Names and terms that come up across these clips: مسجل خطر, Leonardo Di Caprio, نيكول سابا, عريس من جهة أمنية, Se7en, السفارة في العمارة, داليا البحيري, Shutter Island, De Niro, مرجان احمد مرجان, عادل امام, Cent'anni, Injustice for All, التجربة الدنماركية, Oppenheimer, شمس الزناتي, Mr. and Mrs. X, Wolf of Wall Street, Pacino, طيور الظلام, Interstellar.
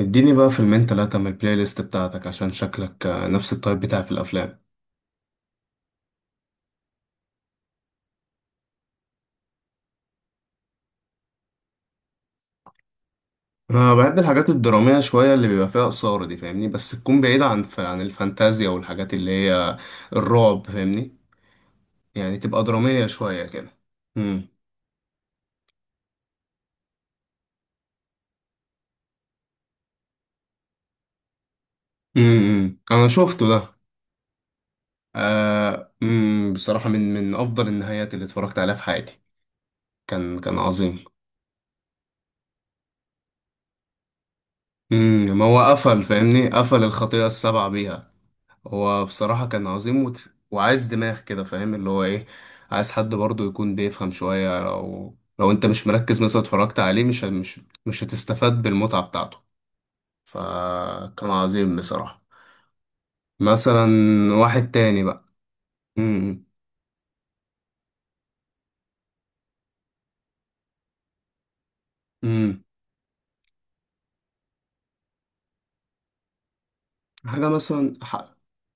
اديني بقى فيلمين تلاتة من البلاي ليست بتاعتك عشان شكلك نفس التايب بتاعي في الأفلام. أنا بحب الحاجات الدرامية شوية اللي بيبقى فيها إثارة دي، فاهمني؟ بس تكون بعيدة عن الفانتازيا والحاجات اللي هي الرعب، فاهمني؟ يعني تبقى درامية شوية كده. مم. أنا شفته ده. آه، مم. بصراحة من أفضل النهايات اللي اتفرجت عليها في حياتي. كان عظيم. ما هو قفل، فاهمني؟ قفل الخطيئة السبعة بيها. هو بصراحة كان عظيم. وعايز دماغ كده، فاهم اللي هو ايه. عايز حد برضه يكون بيفهم شوية، لو انت مش مركز مثلا، اتفرجت عليه مش ه- مش مش هتستفاد بالمتعة بتاعته. فكان عظيم بصراحة. مثلا. واحد تاني بقى. امم. امم. حاجة مثلا.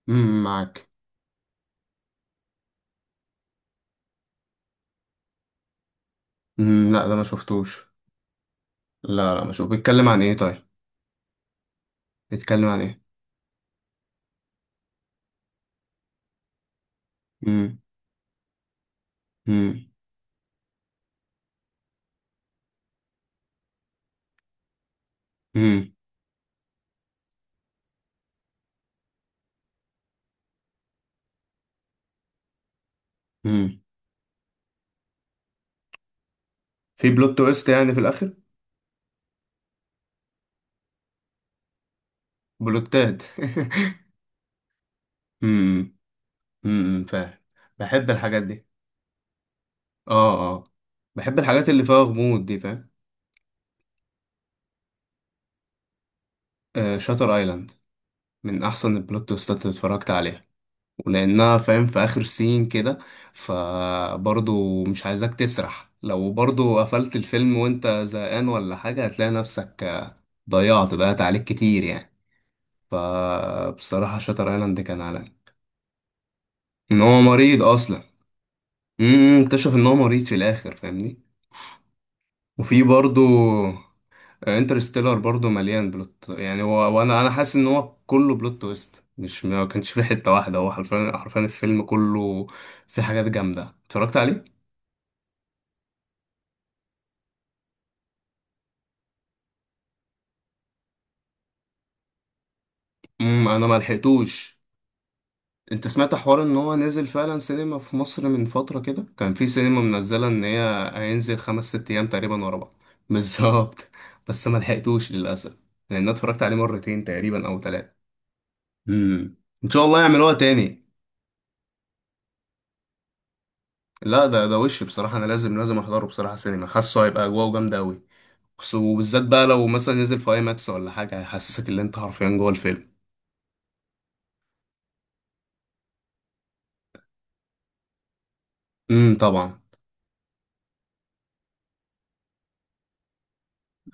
معاك. لا، ده ما شفتوش. لا، لا، ما شوف. بيتكلم عن ايه؟ طيب. بيتكلم عن ايه؟ امم. امم. امم. امم. في بلوت تويست يعني في الاخر؟ بلوتات. امم فاهم. بحب الحاجات دي. اه، اه، بحب الحاجات اللي فيها غموض دي، فاهم. آه، شاتر ايلاند. من احسن البلوت تويستات اللي اتفرجت عليها. ولانها، فاهم، في اخر سين كده. فبرضو مش عايزاك تسرح، لو برضو قفلت الفيلم وانت زهقان ولا حاجة هتلاقي نفسك. ضيعت عليك كتير يعني. فبصراحة شاتر ايلاند كان عالمي. ان هو مريض اصلا. اكتشف ان هو مريض في الاخر، فاهمني. وفي برضو. انترستيلر برضو مليان بلوت، يعني هو وانا انا حاسس ان هو كله بلوت تويست، مش ما كانش فيه حته واحده، هو حرفيا حرفيا الفيلم كله. فيه حاجات جامده اتفرجت عليه. انا ما لحقتوش. انت سمعت حوار ان هو نزل فعلا سينما في مصر من فتره كده، كان في سينما منزله ان هي هينزل خمس ست ايام تقريبا ورا بعض. بالظبط. بس ما لحقتوش للاسف. لان انا اتفرجت عليه مرتين تقريبا او ثلاثه. امم. ان شاء الله يعملوها تاني. لا، ده وش بصراحة، أنا لازم أحضره بصراحة سينما، حاسه هيبقى أجواءه جامدة أوي. وبالذات بقى لو مثلا نزل في أي ماكس ولا حاجة، هيحسسك إن أنت حرفيا جوه الفيلم. طبعا.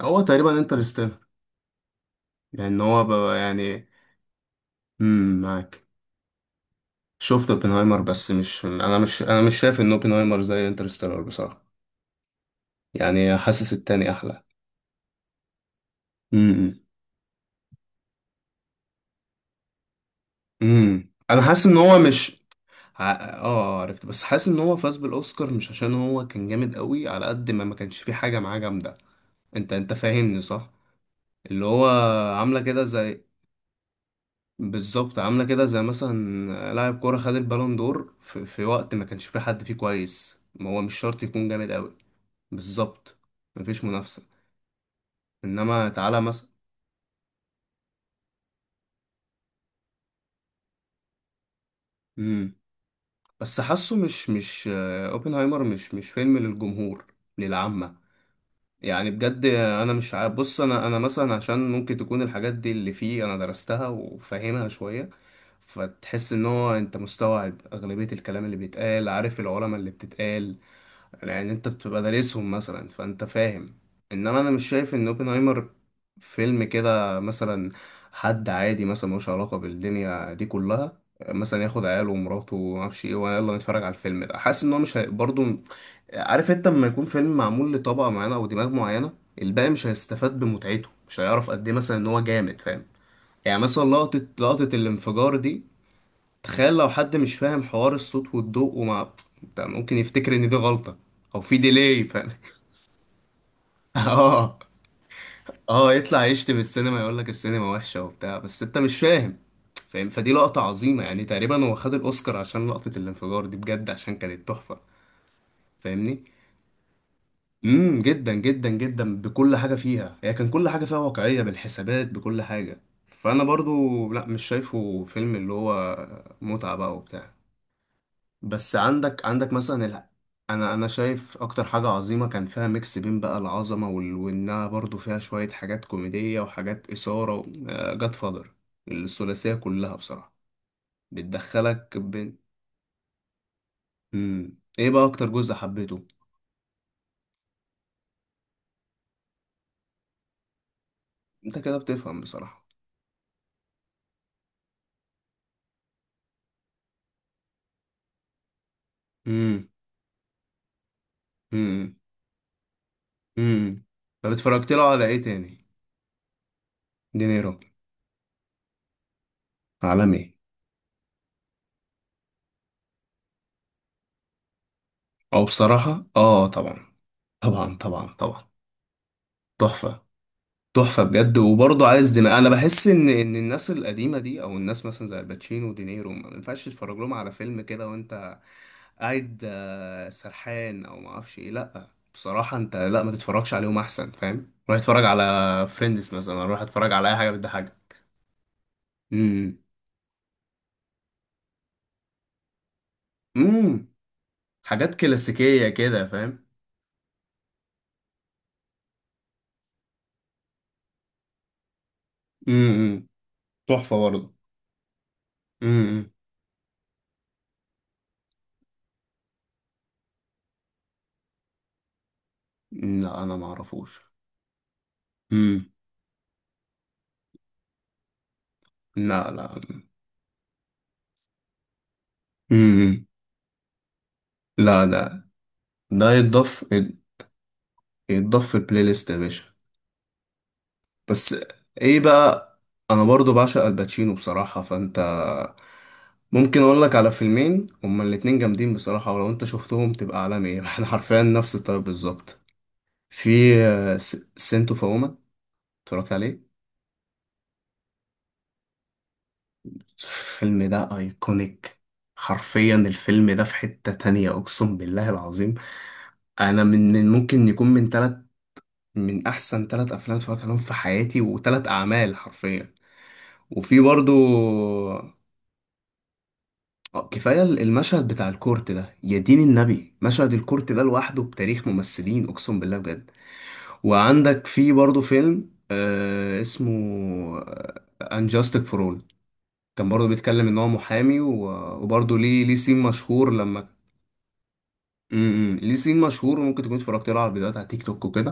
هو تقريبا انترستيلر. لأن هو بقى يعني. معاك. شفت اوبنهايمر، بس مش شايف إن اوبنهايمر زي انترستيلر بصراحة. يعني حاسس التاني أحلى. امم. امم. أنا حاسس إن هو مش. اه، عرفت، بس حاسس ان هو فاز بالاوسكار مش عشان هو كان جامد قوي، على قد ما كانش فيه حاجه معاه جامده. انت فاهمني صح؟ اللي هو. عامله كده زي. بالظبط، عامله كده زي مثلا لاعب كوره خد البالون دور في وقت ما كانش فيه حد فيه كويس، ما هو مش شرط يكون جامد قوي. بالظبط. مفيش منافسه. انما تعالى مثلا. امم. بس حاسه مش اوبنهايمر مش فيلم للجمهور. للعامه. يعني بجد انا مش عارف، بص، انا مثلا عشان ممكن تكون الحاجات دي اللي فيه انا درستها وفاهمها شويه. فتحس ان هو انت مستوعب اغلبيه الكلام اللي بيتقال، عارف العلماء اللي بتتقال. لان انت بتبقى دارسهم مثلا فانت فاهم. انما انا مش شايف ان اوبنهايمر. فيلم كده مثلا. حد عادي مثلا ملوش علاقه بالدنيا دي كلها. مثلا ياخد عياله ومراته ومعرفش ايه ويلا نتفرج على الفيلم ده، حاسس ان هو مش برضه. عارف انت لما يكون فيلم معمول لطبقه معينه او دماغ معينه. الباقي مش هيستفاد بمتعته، مش هيعرف قد ايه مثلا ان هو جامد، فاهم. يعني مثلا لقطه الانفجار دي. تخيل لو حد مش فاهم حوار الصوت والضوء ومع. ده ممكن يفتكر ان دي غلطة. او في ديلي. اه، اه، يطلع يشتم السينما، يقول لك السينما وحشة وبتاع، بس انت مش فاهم. فاهم؟ فدي لقطة عظيمة، يعني تقريبا هو خد الاوسكار عشان لقطة الانفجار دي بجد، عشان كانت تحفة. فاهمني. جدا جدا جدا بكل حاجة فيها، هي كان كل حاجة فيها واقعية بالحسابات بكل حاجة. فانا برضو لا، مش شايفه فيلم اللي هو. متعة بقى وبتاع. بس عندك مثلا. انا شايف اكتر حاجه عظيمه كان فيها ميكس بين بقى العظمه وانها برضو فيها شويه حاجات كوميديه وحاجات اثاره. جاد فادر. الثلاثيه كلها بصراحه. بتدخلك بين. مم. ايه بقى اكتر جزء حبيته؟ انت كده بتفهم بصراحه. امم امم امم طب اتفرجت له على ايه تاني؟ دينيرو. عالمي. او بصراحه، اه، طبعا. طبعا، طبعا، طبعا. تحفه. تحفة بجد، وبرضه عايز دماغ، أنا بحس إن الناس القديمة دي أو الناس مثلا زي الباتشينو ودينيرو ما ينفعش تتفرج لهم على فيلم كده وأنت قاعد. سرحان أو ما أعرفش إيه، لأ. بصراحة أنت لأ، ما تتفرجش عليهم أحسن، فاهم؟ روح اتفرج على. فريندز مثلا، روح اتفرج على أي حاجة بتضحكك. امم. امم. حاجات كلاسيكية كده، فاهم. امم. تحفة برضه. امم لا، أنا ما أعرفوش. امم. لا، لا. امم. لا، ده. ده يتضاف. يتضاف في البلاي ليست يا باشا. بس. ايه بقى؟ انا برضو بعشق الباتشينو بصراحة، فانت. ممكن اقول لك على فيلمين هما الاتنين جامدين بصراحة، ولو انت شفتهم تبقى عالمي. احنا حرفيا نفس الطيب بالظبط. في سنتو فاوما. اتفرجت عليه؟ الفيلم ده ايكونيك. حرفيا الفيلم ده في حتة تانية، اقسم بالله العظيم. انا من ممكن يكون من 3، من احسن ثلاث افلام اتفرجت عليهم في حياتي وثلاث اعمال حرفيا. وفي برضو. كفايه المشهد بتاع الكورت ده، يا دين النبي، مشهد الكورت ده لوحده بتاريخ ممثلين، اقسم بالله بجد. وعندك في برضو فيلم اسمه. انجاستك فور اول. كان برضو بيتكلم ان هو محامي وبرضو ليه سين مشهور لما. ليه سين مشهور، ممكن تكون اتفرجت له على الفيديوهات على تيك توك وكده.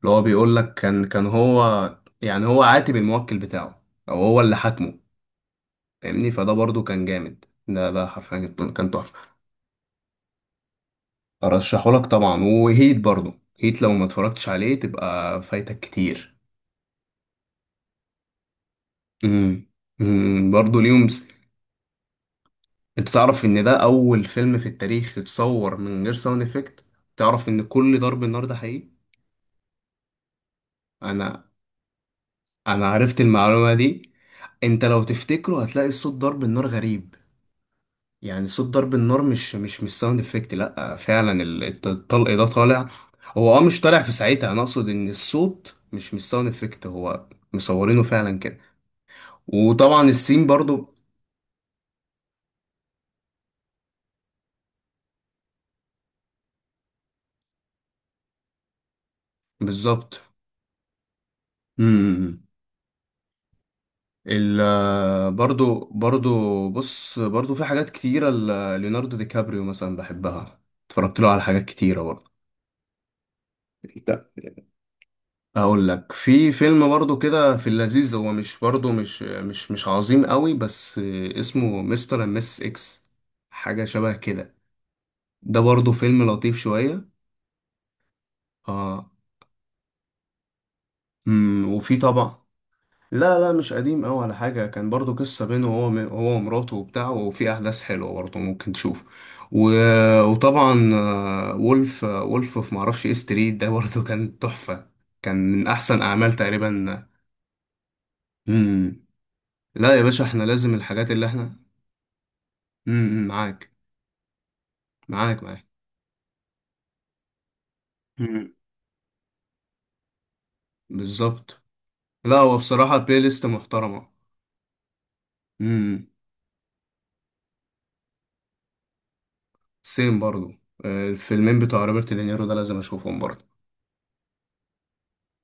اللي هو بيقول لك كان هو يعني هو عاتب الموكل بتاعه. او هو اللي حاكمه. فاهمني؟ فده برضو كان جامد، ده حرفيا كان تحفه. ارشحه لك طبعا، وهيت برضو. هيت لو ما اتفرجتش عليه تبقى فايتك كتير. امم برضو ليهم. انت تعرف ان ده اول فيلم في التاريخ اتصور من غير ساوند افكت؟ تعرف ان كل ضرب النار ده حقيقي؟ انا. انا عرفت المعلومه دي. انت لو تفتكره هتلاقي صوت ضرب النار غريب. يعني صوت ضرب النار مش ساوند افكت، لا فعلا الطلق ده طالع. هو مش طالع في ساعتها، انا اقصد ان الصوت مش ساوند افكت، هو. مصورينه فعلا كده. وطبعا السين برضو. بالظبط. امم. ال. برضو. بص برضو في حاجات كتيرة. ليوناردو دي كابريو مثلا بحبها. اتفرجت له على حاجات كتيرة برضو. اقول لك في فيلم برضو كده في اللذيذ، هو مش برضو، مش عظيم قوي بس. اسمه مستر اند مس اكس. حاجه شبه كده. ده برضو فيلم لطيف شويه. اه. وفي طبعا. لا، لا، مش قديم قوي على حاجه، كان برضو قصه بينه هو ومراته وبتاع، وفي احداث حلوه برضو ممكن تشوف. و... وطبعا وولف في معرفش ايه ستريت ده برضو كان تحفه. كان من احسن اعمال تقريبا. امم. لا يا باشا، احنا لازم الحاجات اللي احنا. معاك. معاك، معاك. امم. بالظبط. لا، هو بصراحة بلاي ليست محترمة. امم. سيم برضو. الفيلمين بتوع روبرت دينيرو ده لازم اشوفهم برضو.